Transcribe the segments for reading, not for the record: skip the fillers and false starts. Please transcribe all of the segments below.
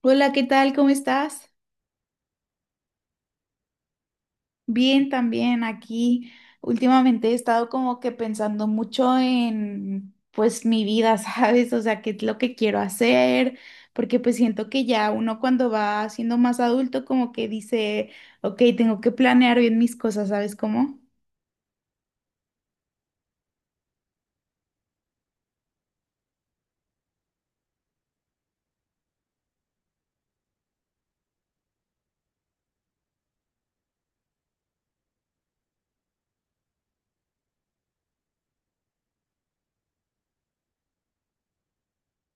Hola, ¿qué tal? ¿Cómo estás? Bien, también aquí. Últimamente he estado como que pensando mucho en, pues, mi vida, ¿sabes? O sea, qué es lo que quiero hacer, porque pues siento que ya uno cuando va siendo más adulto como que dice, ok, tengo que planear bien mis cosas, ¿sabes cómo?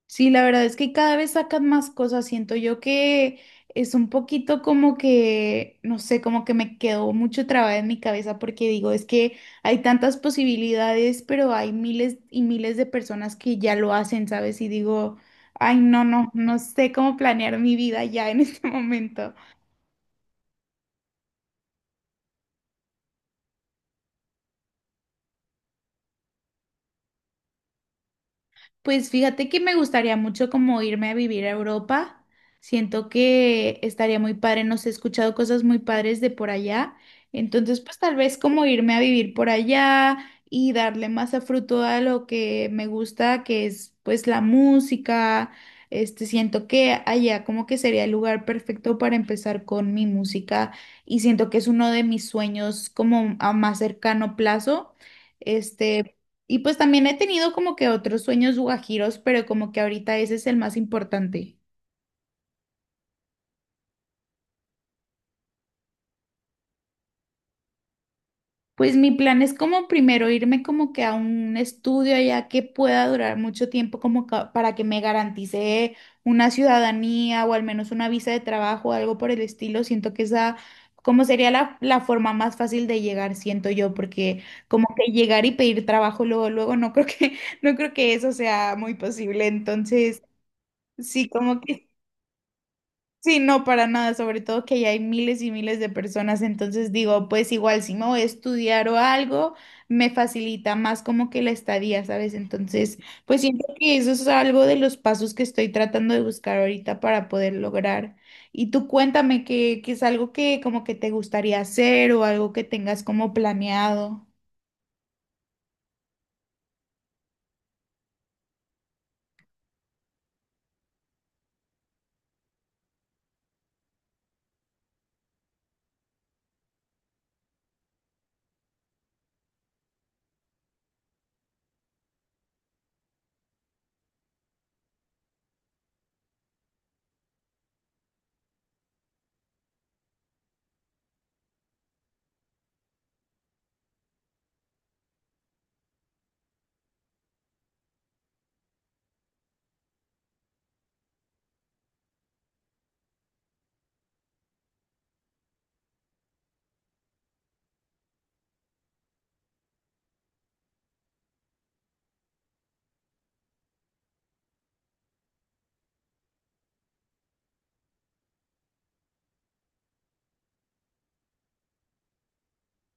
Sí, la verdad es que cada vez sacan más cosas. Siento yo que es un poquito como que, no sé, como que me quedó mucho trabada en mi cabeza porque digo, es que hay tantas posibilidades, pero hay miles y miles de personas que ya lo hacen, ¿sabes? Y digo, ay, no, no sé cómo planear mi vida ya en este momento. Pues fíjate que me gustaría mucho como irme a vivir a Europa. Siento que estaría muy padre, no sé, he escuchado cosas muy padres de por allá. Entonces, pues tal vez como irme a vivir por allá y darle más a fruto a lo que me gusta, que es pues la música. Este, siento que allá como que sería el lugar perfecto para empezar con mi música y siento que es uno de mis sueños como a más cercano plazo. Este, y pues también he tenido como que otros sueños guajiros, pero como que ahorita ese es el más importante. Pues mi plan es como primero irme como que a un estudio allá que pueda durar mucho tiempo como para que me garantice una ciudadanía o al menos una visa de trabajo o algo por el estilo. Siento que esa como sería la, la forma más fácil de llegar, siento yo, porque como que llegar y pedir trabajo luego, luego no creo que, no creo que eso sea muy posible. Entonces, sí, como que. Sí, no, para nada, sobre todo que ya hay miles y miles de personas, entonces digo, pues igual si me voy a estudiar o algo, me facilita más como que la estadía, ¿sabes? Entonces, pues siento que eso es algo de los pasos que estoy tratando de buscar ahorita para poder lograr. Y tú cuéntame que es algo que como que te gustaría hacer o algo que tengas como planeado.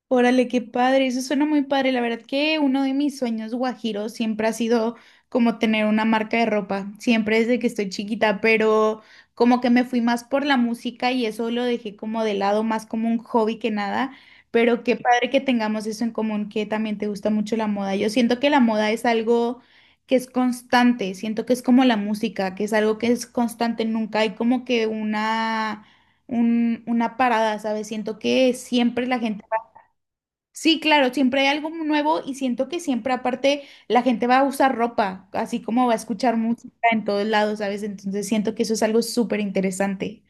Órale, qué padre, eso suena muy padre. La verdad que uno de mis sueños guajiros siempre ha sido como tener una marca de ropa, siempre desde que estoy chiquita, pero como que me fui más por la música y eso lo dejé como de lado, más como un hobby que nada. Pero qué padre que tengamos eso en común, que también te gusta mucho la moda. Yo siento que la moda es algo que es constante, siento que es como la música, que es algo que es constante, nunca hay como que una, una parada, ¿sabes? Siento que siempre la gente. Sí, claro, siempre hay algo nuevo y siento que siempre aparte la gente va a usar ropa, así como va a escuchar música en todos lados, ¿sabes? Entonces siento que eso es algo súper interesante.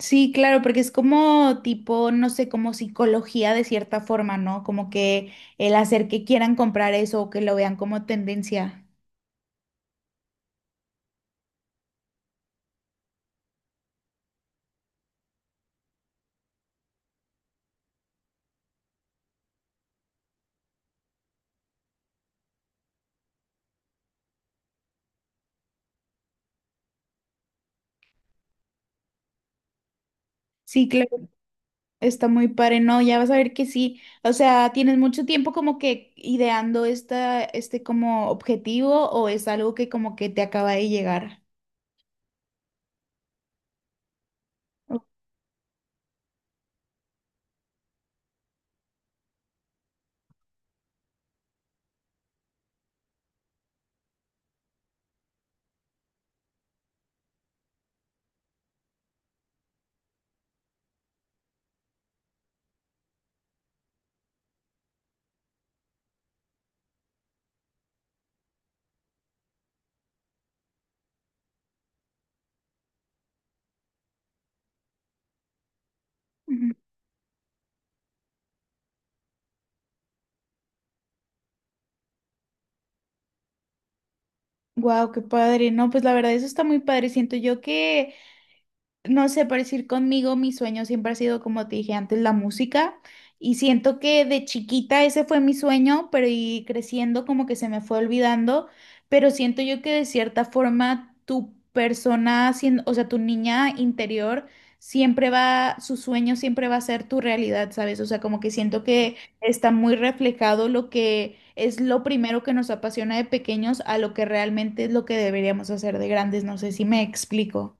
Sí, claro, porque es como tipo, no sé, como psicología de cierta forma, ¿no? Como que el hacer que quieran comprar eso o que lo vean como tendencia. Sí, claro, está muy padre, ¿no? Ya vas a ver que sí. O sea, ¿tienes mucho tiempo como que ideando esta, este como objetivo o es algo que como que te acaba de llegar? Wow, qué padre. No, pues la verdad eso está muy padre. Siento yo que. No sé, por decir conmigo, mi sueño siempre ha sido, como te dije antes, la música. Y siento que de chiquita ese fue mi sueño, pero y creciendo como que se me fue olvidando. Pero siento yo que de cierta forma tu persona, o sea, tu niña interior, siempre va, su sueño siempre va a ser tu realidad, ¿sabes? O sea, como que siento que está muy reflejado lo que es lo primero que nos apasiona de pequeños a lo que realmente es lo que deberíamos hacer de grandes. No sé si me explico.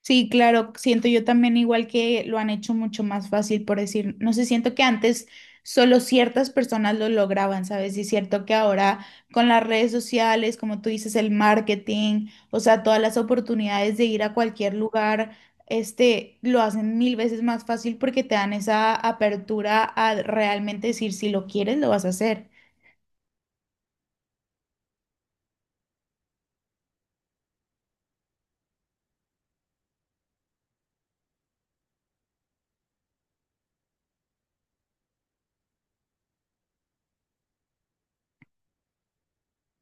Sí, claro, siento yo también igual que lo han hecho mucho más fácil, por decir, no sé, siento que antes solo ciertas personas lo lograban, ¿sabes? Y es cierto que ahora con las redes sociales, como tú dices, el marketing, o sea, todas las oportunidades de ir a cualquier lugar, este, lo hacen mil veces más fácil porque te dan esa apertura a realmente decir si lo quieres, lo vas a hacer.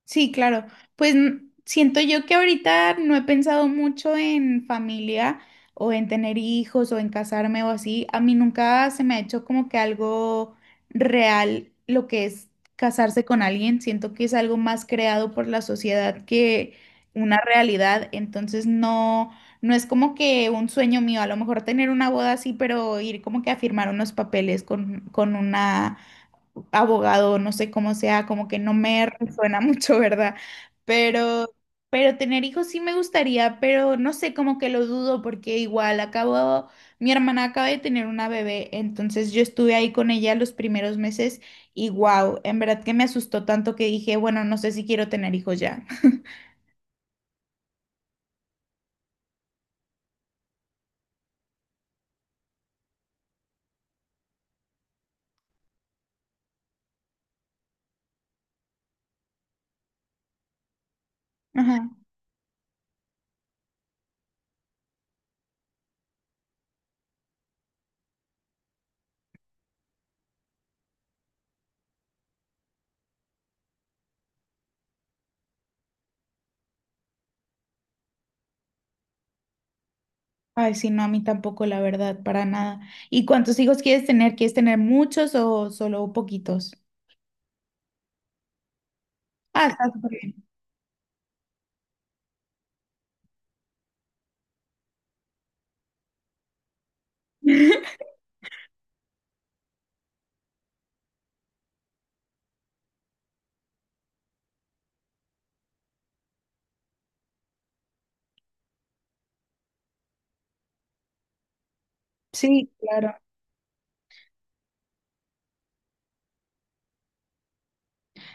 Sí, claro. Pues siento yo que ahorita no he pensado mucho en familia o en tener hijos o en casarme o así. A mí nunca se me ha hecho como que algo real lo que es casarse con alguien. Siento que es algo más creado por la sociedad que una realidad. Entonces no, no es como que un sueño mío. A lo mejor tener una boda así, pero ir como que a firmar unos papeles con una abogado, no sé cómo sea, como que no me resuena mucho, ¿verdad? Pero, pero tener hijos sí me gustaría, pero no sé, como que lo dudo porque igual acabo, mi hermana acaba de tener una bebé, entonces yo estuve ahí con ella los primeros meses y wow, en verdad que me asustó tanto que dije, bueno, no sé si quiero tener hijos ya. Ajá. Ay, sí, no, a mí tampoco, la verdad, para nada. ¿Y cuántos hijos quieres tener? ¿Quieres tener muchos o solo poquitos? Ah, está súper bien. Sí, claro.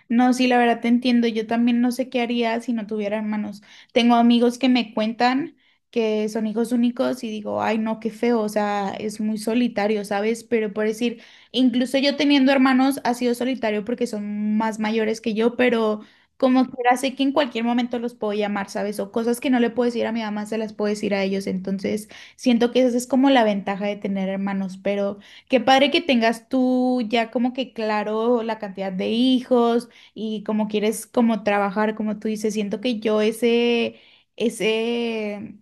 No, sí, la verdad te entiendo. Yo también no sé qué haría si no tuviera hermanos. Tengo amigos que me cuentan que son hijos únicos y digo, ay, no, qué feo, o sea, es muy solitario, ¿sabes? Pero por decir, incluso yo teniendo hermanos ha sido solitario porque son más mayores que yo, pero como quiera sé que en cualquier momento los puedo llamar, ¿sabes? O cosas que no le puedo decir a mi mamá, se las puedo decir a ellos. Entonces, siento que esa es como la ventaja de tener hermanos, pero qué padre que tengas tú ya como que claro la cantidad de hijos y como quieres como trabajar, como tú dices, siento que yo ese,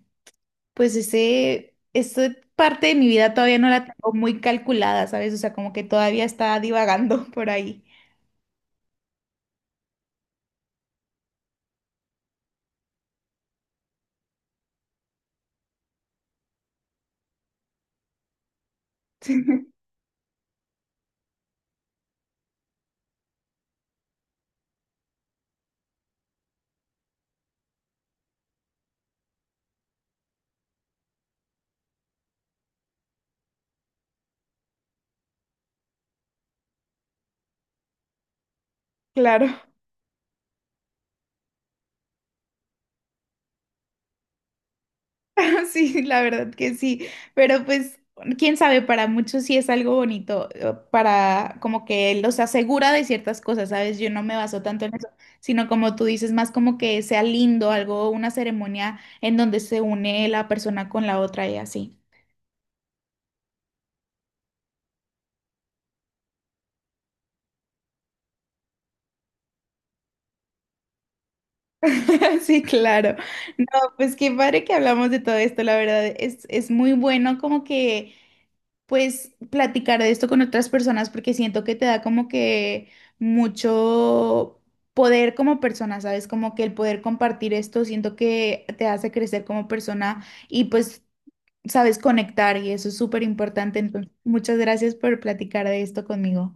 esa parte de mi vida todavía no la tengo muy calculada, ¿sabes? O sea, como que todavía está divagando por ahí. Claro. Sí, la verdad que sí, pero pues quién sabe, para muchos sí es algo bonito, para como que los asegura de ciertas cosas, ¿sabes? Yo no me baso tanto en eso, sino como tú dices, más como que sea lindo, algo, una ceremonia en donde se une la persona con la otra y así. Sí, claro. No, pues qué padre que hablamos de todo esto, la verdad es muy bueno como que pues platicar de esto con otras personas porque siento que te da como que mucho poder como persona, ¿sabes? Como que el poder compartir esto, siento que te hace crecer como persona y pues sabes conectar y eso es súper importante. Entonces, muchas gracias por platicar de esto conmigo.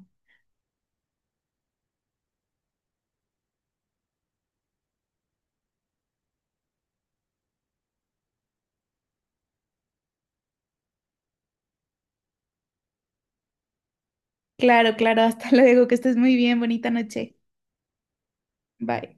Claro, claro, hasta luego, que estés muy bien, bonita noche. Bye.